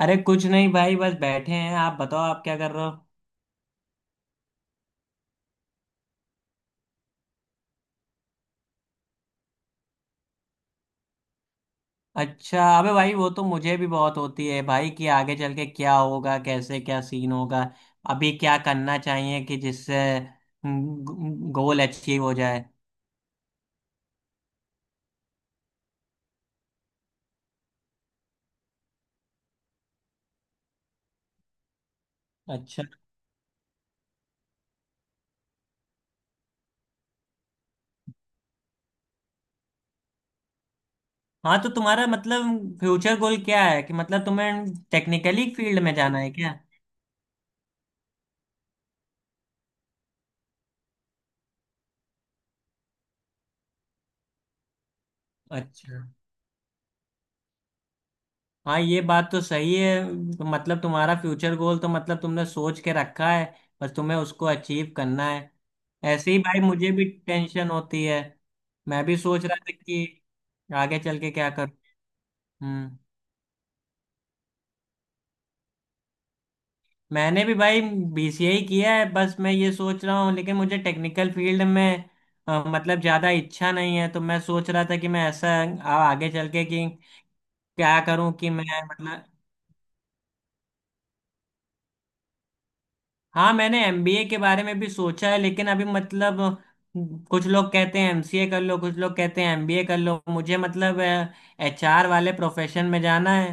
अरे कुछ नहीं भाई। बस बैठे हैं, आप बताओ आप क्या कर रहे हो? अच्छा, अबे भाई वो तो मुझे भी बहुत होती है भाई कि आगे चल के क्या होगा, कैसे क्या सीन होगा। अभी क्या करना चाहिए कि जिससे गोल अचीव हो जाए। अच्छा, हाँ तो तुम्हारा मतलब फ्यूचर गोल क्या है कि मतलब तुम्हें टेक्निकली फील्ड में जाना है क्या? अच्छा। हाँ ये बात तो सही है। तो मतलब तुम्हारा फ्यूचर गोल तो मतलब तुमने सोच के रखा है, बस तुम्हें उसको अचीव करना है। ऐसे ही भाई मुझे भी टेंशन होती है। मैं भी सोच रहा था कि आगे चल के क्या करूँ। हम्म। मैंने भी भाई बीसीए ही किया है। बस मैं ये सोच रहा हूँ, लेकिन मुझे टेक्निकल फील्ड में मतलब ज़्यादा इच्छा नहीं है, तो मैं सोच रहा था कि मैं ऐसा आगे चल के कि क्या करूँ कि मैं मतलब। हाँ मैंने एमबीए के बारे में भी सोचा है, लेकिन अभी मतलब कुछ लोग कहते हैं एमसीए कर लो, कुछ लोग कहते हैं एमबीए कर लो। मुझे मतलब एचआर वाले प्रोफेशन में जाना है,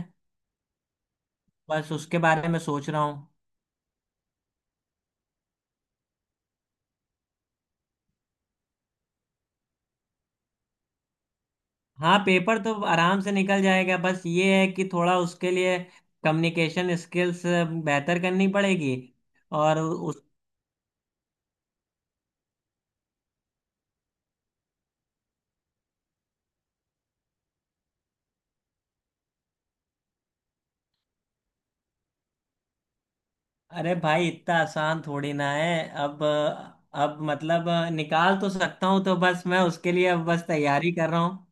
बस उसके बारे में सोच रहा हूँ। हाँ, पेपर तो आराम से निकल जाएगा। बस ये है कि थोड़ा उसके लिए कम्युनिकेशन स्किल्स बेहतर करनी पड़ेगी। और उस, अरे भाई इतना आसान थोड़ी ना है अब। अब मतलब निकाल तो सकता हूँ, तो बस मैं उसके लिए अब बस तैयारी कर रहा हूँ।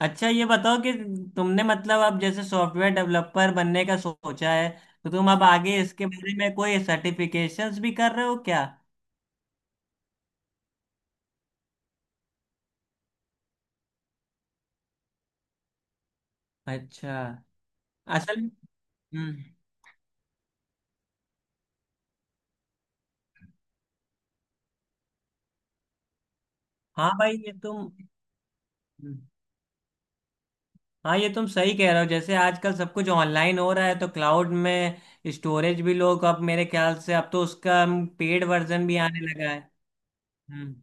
अच्छा ये बताओ कि तुमने मतलब अब जैसे सॉफ्टवेयर डेवलपर बनने का सोचा है, तो तुम अब आगे इसके बारे में कोई सर्टिफिकेशंस भी कर रहे हो क्या? अच्छा। असल, हम्म, हाँ भाई ये तुम, हम्म, हाँ ये तुम सही कह रहे हो। जैसे आजकल सब कुछ ऑनलाइन हो रहा है, तो क्लाउड में स्टोरेज भी लोग, अब मेरे ख्याल से अब तो उसका पेड वर्जन भी आने लगा है। हम्म।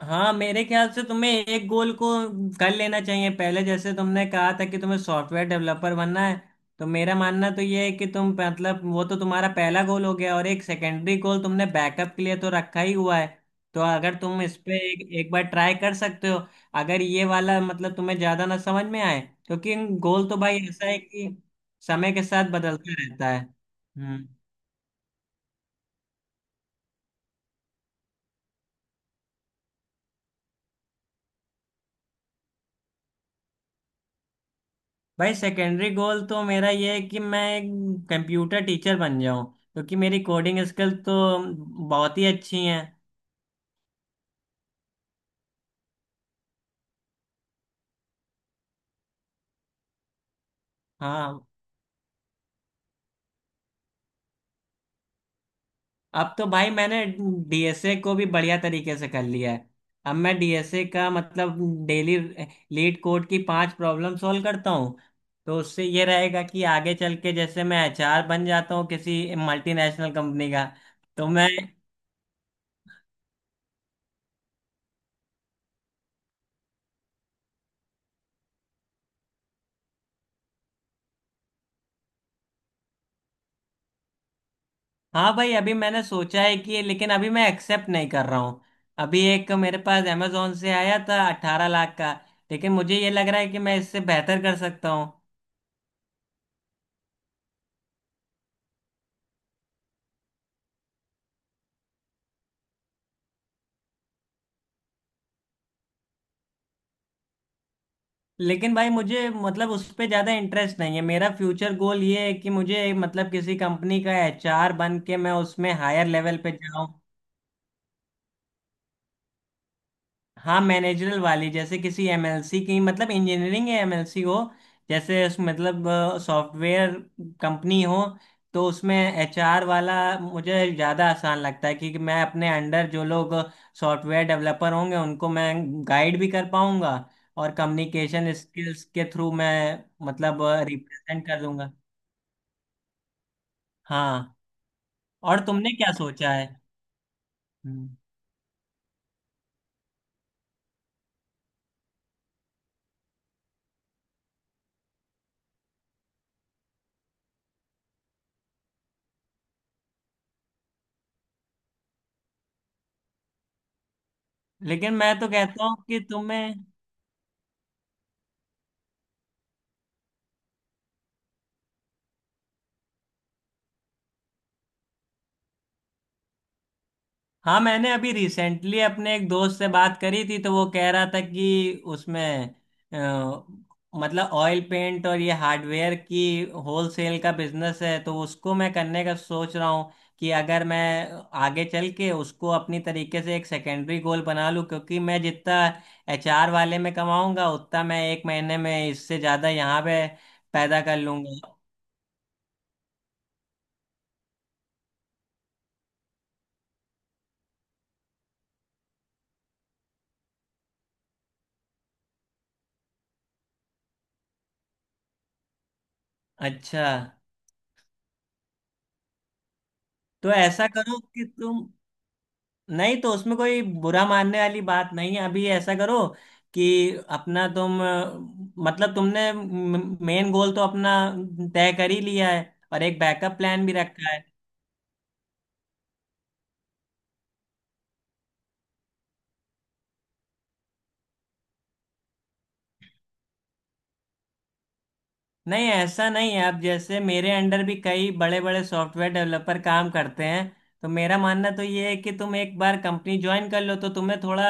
हाँ मेरे ख्याल से तुम्हें एक गोल को कर लेना चाहिए पहले। जैसे तुमने कहा था कि तुम्हें सॉफ्टवेयर डेवलपर बनना है, तो मेरा मानना तो ये है कि तुम मतलब, वो तो तुम्हारा पहला गोल हो गया, और एक सेकेंडरी गोल तुमने बैकअप के लिए तो रखा ही हुआ है। तो अगर तुम इस पे एक, एक बार ट्राई कर सकते हो, अगर ये वाला मतलब तुम्हें ज्यादा ना समझ में आए। क्योंकि गोल तो भाई ऐसा है कि समय के साथ बदलता रहता है। हम्म। भाई सेकेंडरी गोल तो मेरा ये है कि मैं एक कंप्यूटर टीचर बन जाऊं, क्योंकि मेरी कोडिंग स्किल तो बहुत ही अच्छी हैं। हाँ, अब तो भाई मैंने डीएसए को भी बढ़िया तरीके से कर लिया है। अब मैं डीएसए का मतलब डेली लीड कोड की 5 प्रॉब्लम सॉल्व करता हूँ। तो उससे ये रहेगा कि आगे चल के जैसे मैं एचआर बन जाता हूँ किसी मल्टीनेशनल कंपनी का, तो मैं, हाँ भाई अभी मैंने सोचा है कि, लेकिन अभी मैं एक्सेप्ट नहीं कर रहा हूँ। अभी एक मेरे पास अमेजोन से आया था 18 लाख का, लेकिन मुझे ये लग रहा है कि मैं इससे बेहतर कर सकता हूँ। लेकिन भाई मुझे मतलब उस पे ज़्यादा इंटरेस्ट नहीं है। मेरा फ्यूचर गोल ये है कि मुझे मतलब किसी कंपनी का एचआर बन के मैं उसमें हायर लेवल पे जाऊँ। हाँ, मैनेजरल वाली। जैसे किसी एमएलसी की मतलब इंजीनियरिंग या एमएलसी हो, जैसे उस मतलब सॉफ्टवेयर कंपनी हो, तो उसमें एचआर वाला मुझे ज़्यादा आसान लगता है, क्योंकि मैं अपने अंडर जो लोग सॉफ्टवेयर डेवलपर होंगे उनको मैं गाइड भी कर पाऊंगा, और कम्युनिकेशन स्किल्स के थ्रू मैं मतलब रिप्रेजेंट कर दूंगा। हाँ। और तुमने क्या सोचा है? हम्म। लेकिन मैं तो कहता हूँ कि तुम्हें, हाँ मैंने अभी रिसेंटली अपने एक दोस्त से बात करी थी, तो वो कह रहा था कि उसमें अ, मतलब ऑयल पेंट और ये हार्डवेयर की होलसेल का बिजनेस है, तो उसको मैं करने का सोच रहा हूँ। कि अगर मैं आगे चल के उसको अपनी तरीके से एक सेकेंडरी गोल बना लूँ, क्योंकि मैं जितना एचआर वाले में कमाऊंगा उतना मैं एक महीने में इससे ज़्यादा यहाँ पे पैदा कर लूंगा। अच्छा। तो ऐसा करो कि तुम, नहीं तो उसमें कोई बुरा मानने वाली बात नहीं है। अभी ऐसा करो कि अपना तुम मतलब तुमने मेन गोल तो अपना तय कर ही लिया है, और एक बैकअप प्लान भी रखा है। नहीं ऐसा नहीं है। अब जैसे मेरे अंडर भी कई बड़े बड़े सॉफ्टवेयर डेवलपर काम करते हैं। तो मेरा मानना तो ये है कि तुम एक बार कंपनी ज्वाइन कर लो, तो तुम्हें थोड़ा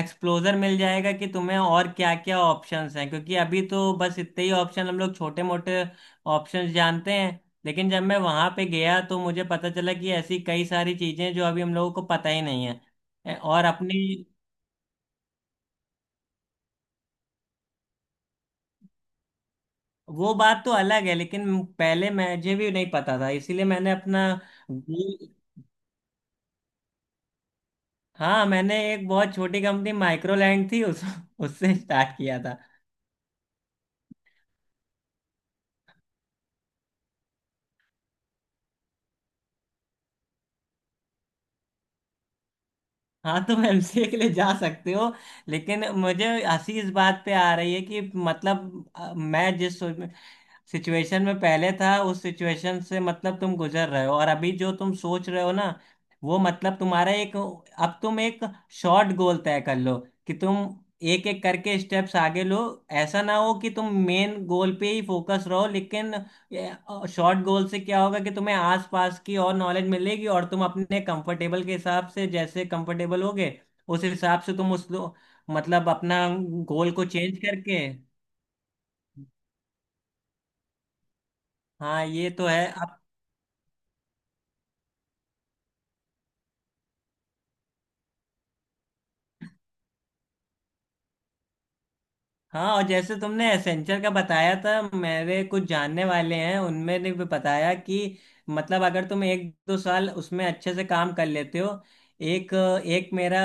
एक्सप्लोजर मिल जाएगा कि तुम्हें और क्या क्या ऑप्शंस हैं, क्योंकि अभी तो बस इतने ही ऑप्शन हम लोग छोटे मोटे ऑप्शंस जानते हैं। लेकिन जब मैं वहाँ पे गया तो मुझे पता चला कि ऐसी कई सारी चीज़ें जो अभी हम लोगों को पता ही नहीं है, और अपनी, वो बात तो अलग है। लेकिन पहले मुझे भी नहीं पता था, इसीलिए मैंने अपना, हाँ मैंने एक बहुत छोटी कंपनी माइक्रोलैंड थी उस, उससे स्टार्ट किया था। हाँ तुम एमसीए के लिए जा सकते हो। लेकिन मुझे हंसी इस बात पे आ रही है कि मतलब मैं जिस सिचुएशन में पहले था उस सिचुएशन से मतलब तुम गुजर रहे हो। और अभी जो तुम सोच रहे हो ना वो मतलब तुम्हारा एक, अब तुम एक शॉर्ट गोल तय कर लो कि तुम एक एक करके स्टेप्स आगे लो। ऐसा ना हो कि तुम मेन गोल पे ही फोकस रहो, लेकिन ये शॉर्ट गोल से क्या होगा कि तुम्हें आसपास की और नॉलेज मिलेगी, और तुम अपने कंफर्टेबल के हिसाब से जैसे कंफर्टेबल होगे उस हिसाब से तुम उस मतलब अपना गोल को चेंज करके, हाँ ये तो है। हाँ, और जैसे तुमने एसेंचर का बताया था, मेरे कुछ जानने वाले हैं उनमें ने भी बताया कि मतलब अगर तुम 1 2 साल उसमें अच्छे से काम कर लेते हो, एक, एक मेरा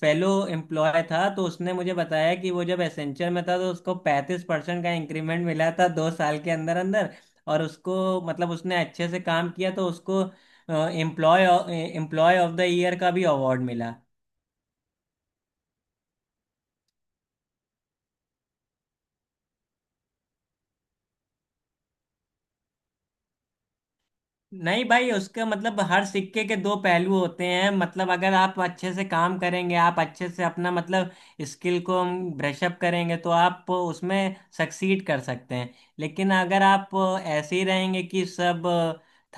फेलो एम्प्लॉय था, तो उसने मुझे बताया कि वो जब एसेंचर में था तो उसको 35% का इंक्रीमेंट मिला था 2 साल के अंदर अंदर। और उसको मतलब उसने अच्छे से काम किया तो उसको employee employee of the year का भी अवार्ड मिला। नहीं भाई, उसका मतलब हर सिक्के के दो पहलू होते हैं। मतलब अगर आप अच्छे से काम करेंगे, आप अच्छे से अपना मतलब स्किल को ब्रश अप करेंगे, तो आप उसमें सक्सीड कर सकते हैं। लेकिन अगर आप ऐसे ही रहेंगे कि सब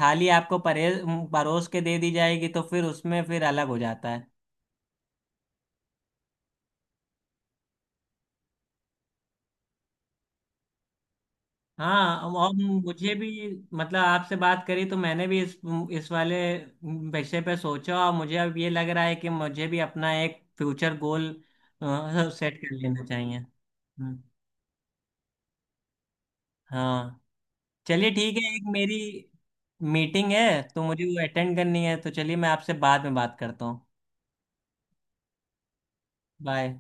थाली आपको परे परोस के दे दी जाएगी, तो फिर उसमें फिर अलग हो जाता है। हाँ और मुझे भी मतलब आपसे बात करी तो मैंने भी इस वाले विषय पे सोचा, और मुझे अब ये लग रहा है कि मुझे भी अपना एक फ्यूचर गोल सेट कर लेना चाहिए। हम्म। हाँ, चलिए ठीक है। एक मेरी मीटिंग है तो मुझे वो अटेंड करनी है, तो चलिए मैं आपसे बाद में बात करता हूँ। बाय।